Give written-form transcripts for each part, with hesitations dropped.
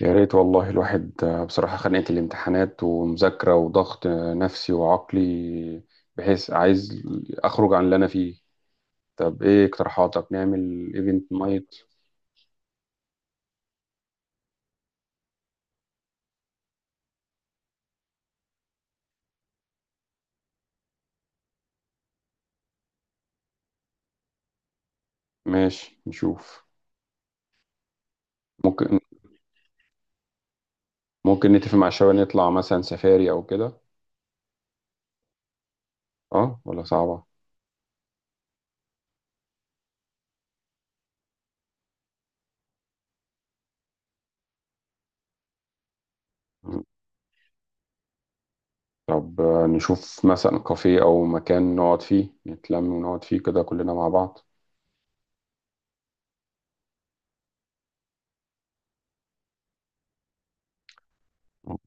يا ريت والله الواحد، بصراحة خنقة الامتحانات ومذاكرة وضغط، نفسي وعقلي بحيث عايز أخرج عن اللي أنا فيه. طب إيه اقتراحاتك؟ نعمل إيفنت نايت. ماشي، نشوف. ممكن ممكن نتفق مع الشباب نطلع مثلا سفاري أو كده. أه، ولا صعبة. مم. طب، نشوف مثلا كافيه أو مكان نقعد فيه نتلم ونقعد فيه كده كلنا مع بعض. مم.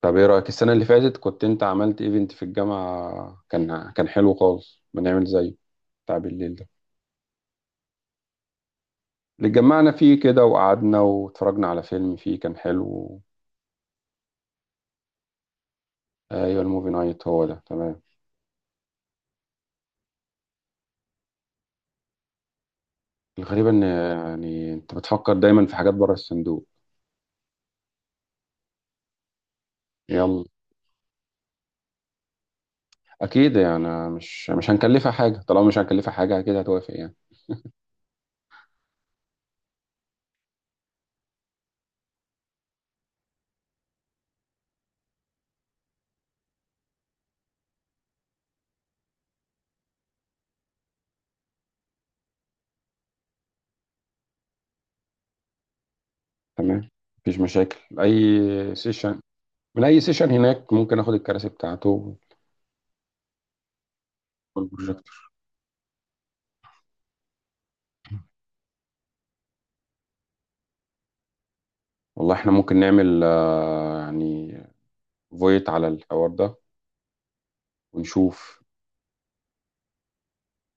طب ايه رأيك؟ السنة اللي فاتت كنت انت عملت ايفنت في الجامعة كان حلو خالص، ما نعمل زيه، بتاع بالليل ده، اللي اتجمعنا فيه كده وقعدنا واتفرجنا على فيلم فيه، كان حلو. ايوه، الموفي نايت هو ده، تمام. الغريب ان يعني انت بتفكر دايما في حاجات بره الصندوق. يلا. اكيد يعني مش هنكلفها حاجه، طالما مش هنكلفها حاجه اكيد هتوافق يعني. تمام، مفيش مشاكل. اي سيشن، من اي سيشن هناك ممكن اخد الكراسي بتاعته والبروجيكتور. والله احنا ممكن نعمل، يعني، فويت على الحوار ده ونشوف.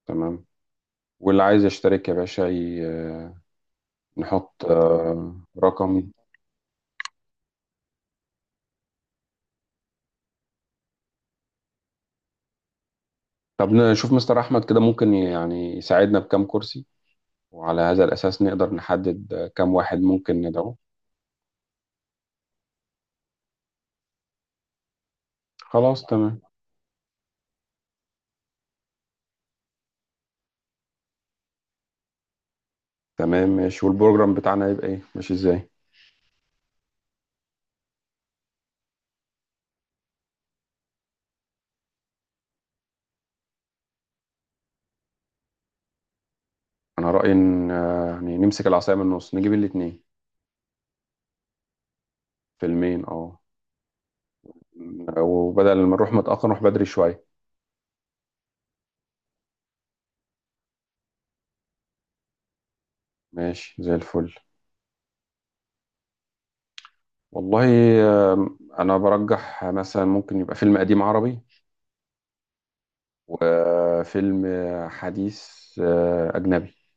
تمام. واللي عايز يشترك يا باشا نحط رقم. طب نشوف مستر أحمد كده ممكن يعني يساعدنا بكام كرسي، وعلى هذا الأساس نقدر نحدد، كام واحد ممكن ندعوه. خلاص، تمام. تمام ماشي. والبروجرام بتاعنا يبقى إيه؟ ماشي إزاي؟ أنا رأيي إن، يعني، نمسك العصاية من النص، نجيب الاتنين. فيلمين، أه. وبدل ما نروح متأخر نروح بدري شوية. ماشي زي الفل. والله، أنا برجح مثلا ممكن يبقى فيلم قديم عربي، وفيلم حديث، أجنبي.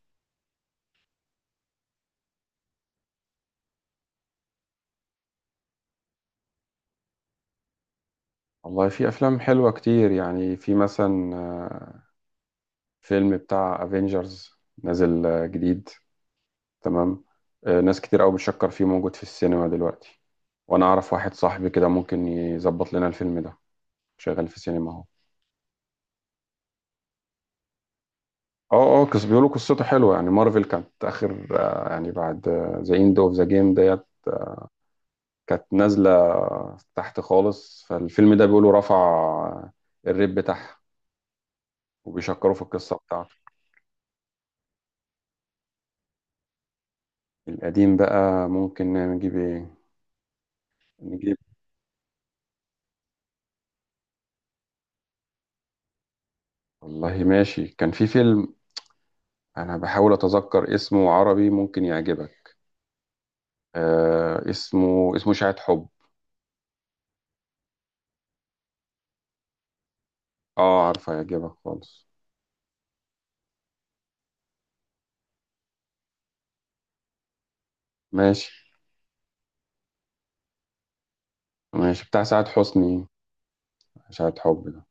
والله في افلام حلوه كتير يعني، في مثلا، فيلم بتاع افنجرز نازل، جديد. تمام. ناس كتير قوي بتشكر فيه، موجود في السينما دلوقتي. وانا اعرف واحد صاحبي كده ممكن يظبط لنا الفيلم ده، شغال في السينما اهو. اه اه، بيقولوا قصته حلوه يعني. مارفل كانت اخر، يعني، بعد ذا اند اوف ذا جيم ديت، كانت نازله تحت خالص، فالفيلم ده بيقولوا رفع الريت بتاعها، وبيشكروا في القصه بتاعته. القديم بقى ممكن نجيب ايه؟ نجيب، والله ماشي، كان في فيلم انا بحاول اتذكر اسمه، عربي، ممكن يعجبك. اسمه شاهد حب. اه، عارفه، يعجبك خالص. ماشي ماشي بتاع سعاد حسني، شاهد حب ده،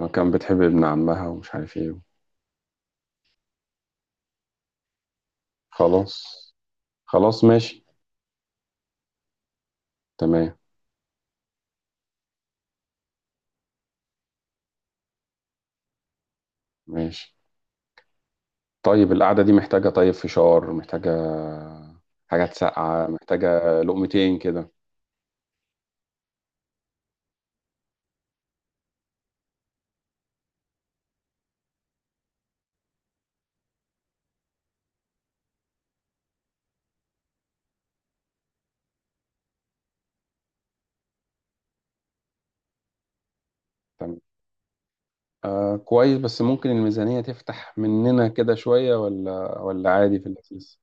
لما كان بتحب ابن عمها ومش عارف ايه. خلاص. خلاص ماشي. تمام ماشي. طيب القعدة دي محتاجة، طيب فشار، محتاجة حاجات ساقعة، محتاجة لقمتين كده. آه، كويس. بس ممكن الميزانية تفتح مننا كده شوية، ولا عادي في اللذيذ.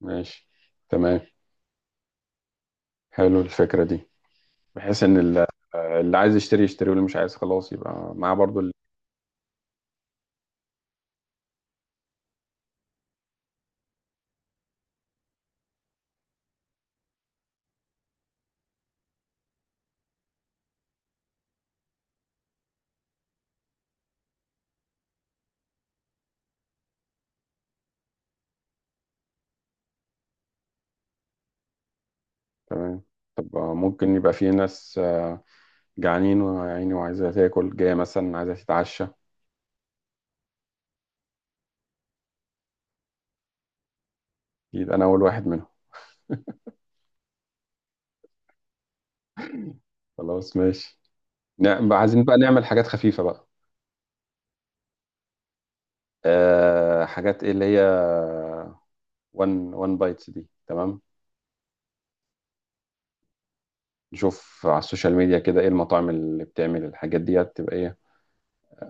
ماشي، تمام. حلو الفكرة دي، بحيث ان اللي عايز يشتري يشتري، واللي مش عايز خلاص يبقى معاه برضو اللي. تمام. طب، ممكن يبقى في ناس، جعانين وعيني وعايزة تاكل، جاية مثلا عايزة تتعشى. يبقى انا اول واحد منهم. خلاص ماشي. نعم بقى، عايزين بقى نعمل حاجات خفيفة بقى. أه، حاجات ايه اللي هي؟ وان وان بايتس دي تمام. نشوف على السوشيال ميديا كده ايه المطاعم اللي بتعمل الحاجات ديت، تبقى ايه،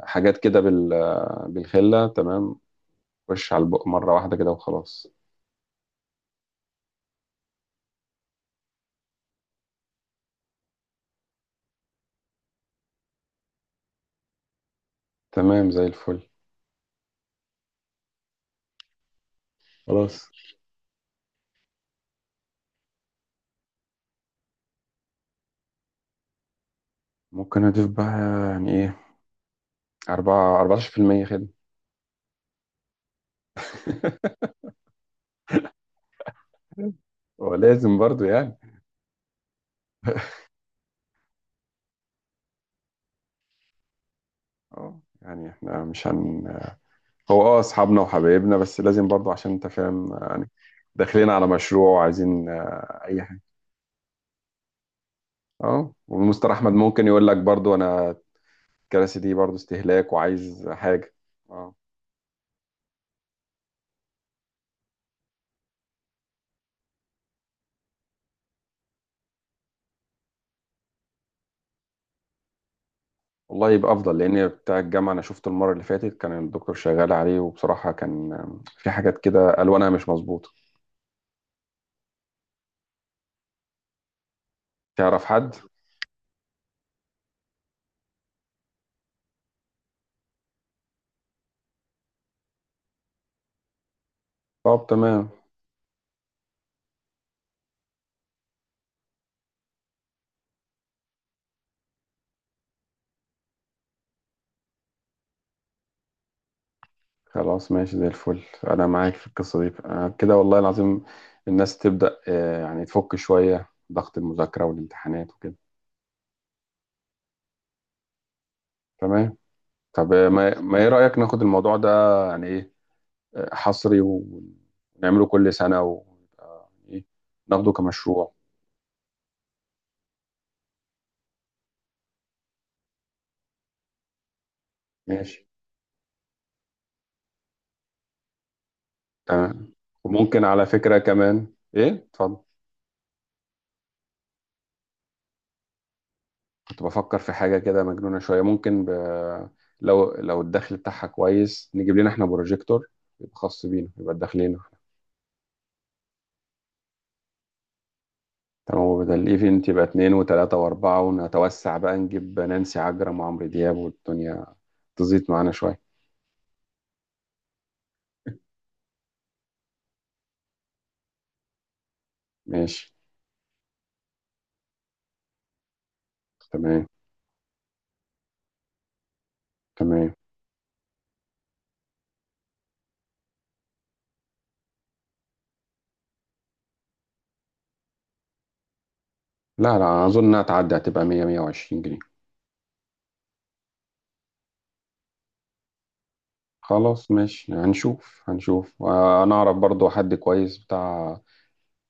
حاجات كده، بالخلة. تمام، وش على البق مرة واحدة كده وخلاص. تمام زي الفل. خلاص. ممكن اضيف بقى، يعني ايه، أربعة 14% خدمة. ولازم برضو يعني. اه، يعني احنا مش هو اه، اصحابنا وحبايبنا، بس لازم برضو عشان انت فاهم يعني، داخلين على مشروع وعايزين، اي حاجه. اه، والمستر احمد ممكن يقول لك برضو انا الكراسي دي برضو استهلاك وعايز حاجة. اه. والله يبقى أفضل، لأن بتاع الجامعة أنا شفته المرة اللي فاتت كان الدكتور شغال عليه، وبصراحة كان، في حاجات كده ألوانها مش مظبوطة. تعرف حد؟ طب تمام. خلاص ماشي زي الفل. أنا معاك في القصة دي، كده والله العظيم. الناس تبدأ، يعني، تفك شوية ضغط المذاكرة والامتحانات وكده. تمام. طب، ما إيه رأيك ناخد الموضوع ده، يعني إيه، حصري، ونعمله كل سنة، ويبقى إيه، ناخده كمشروع. ماشي، تمام. وممكن على فكرة كمان. ايه، اتفضل. كنت بفكر في حاجة كده مجنونة شوية، ممكن لو الدخل بتاعها كويس نجيب لنا احنا بروجيكتور، يبقى خاص بينا، يبقى داخلين. تمام. وبدل الايفنت يبقى اتنين وتلاتة واربعة، ونتوسع بقى، نجيب نانسي عجرم وعمرو دياب، والدنيا تزيد معانا شوية. ماشي. تمام تمام. لا، لا أظن إنها تعدي، هتبقى 100، 120 جنيه. خلاص ماشي. هنشوف هنشوف، أنا أعرف برضو حد كويس بتاع،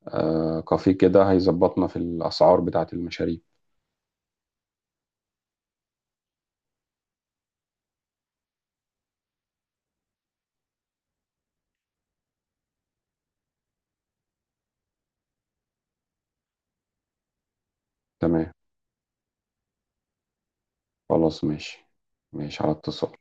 كافيه كده، هيظبطنا في الأسعار بتاعة المشاريب. تمام. خلاص ماشي. ماشي، على اتصال.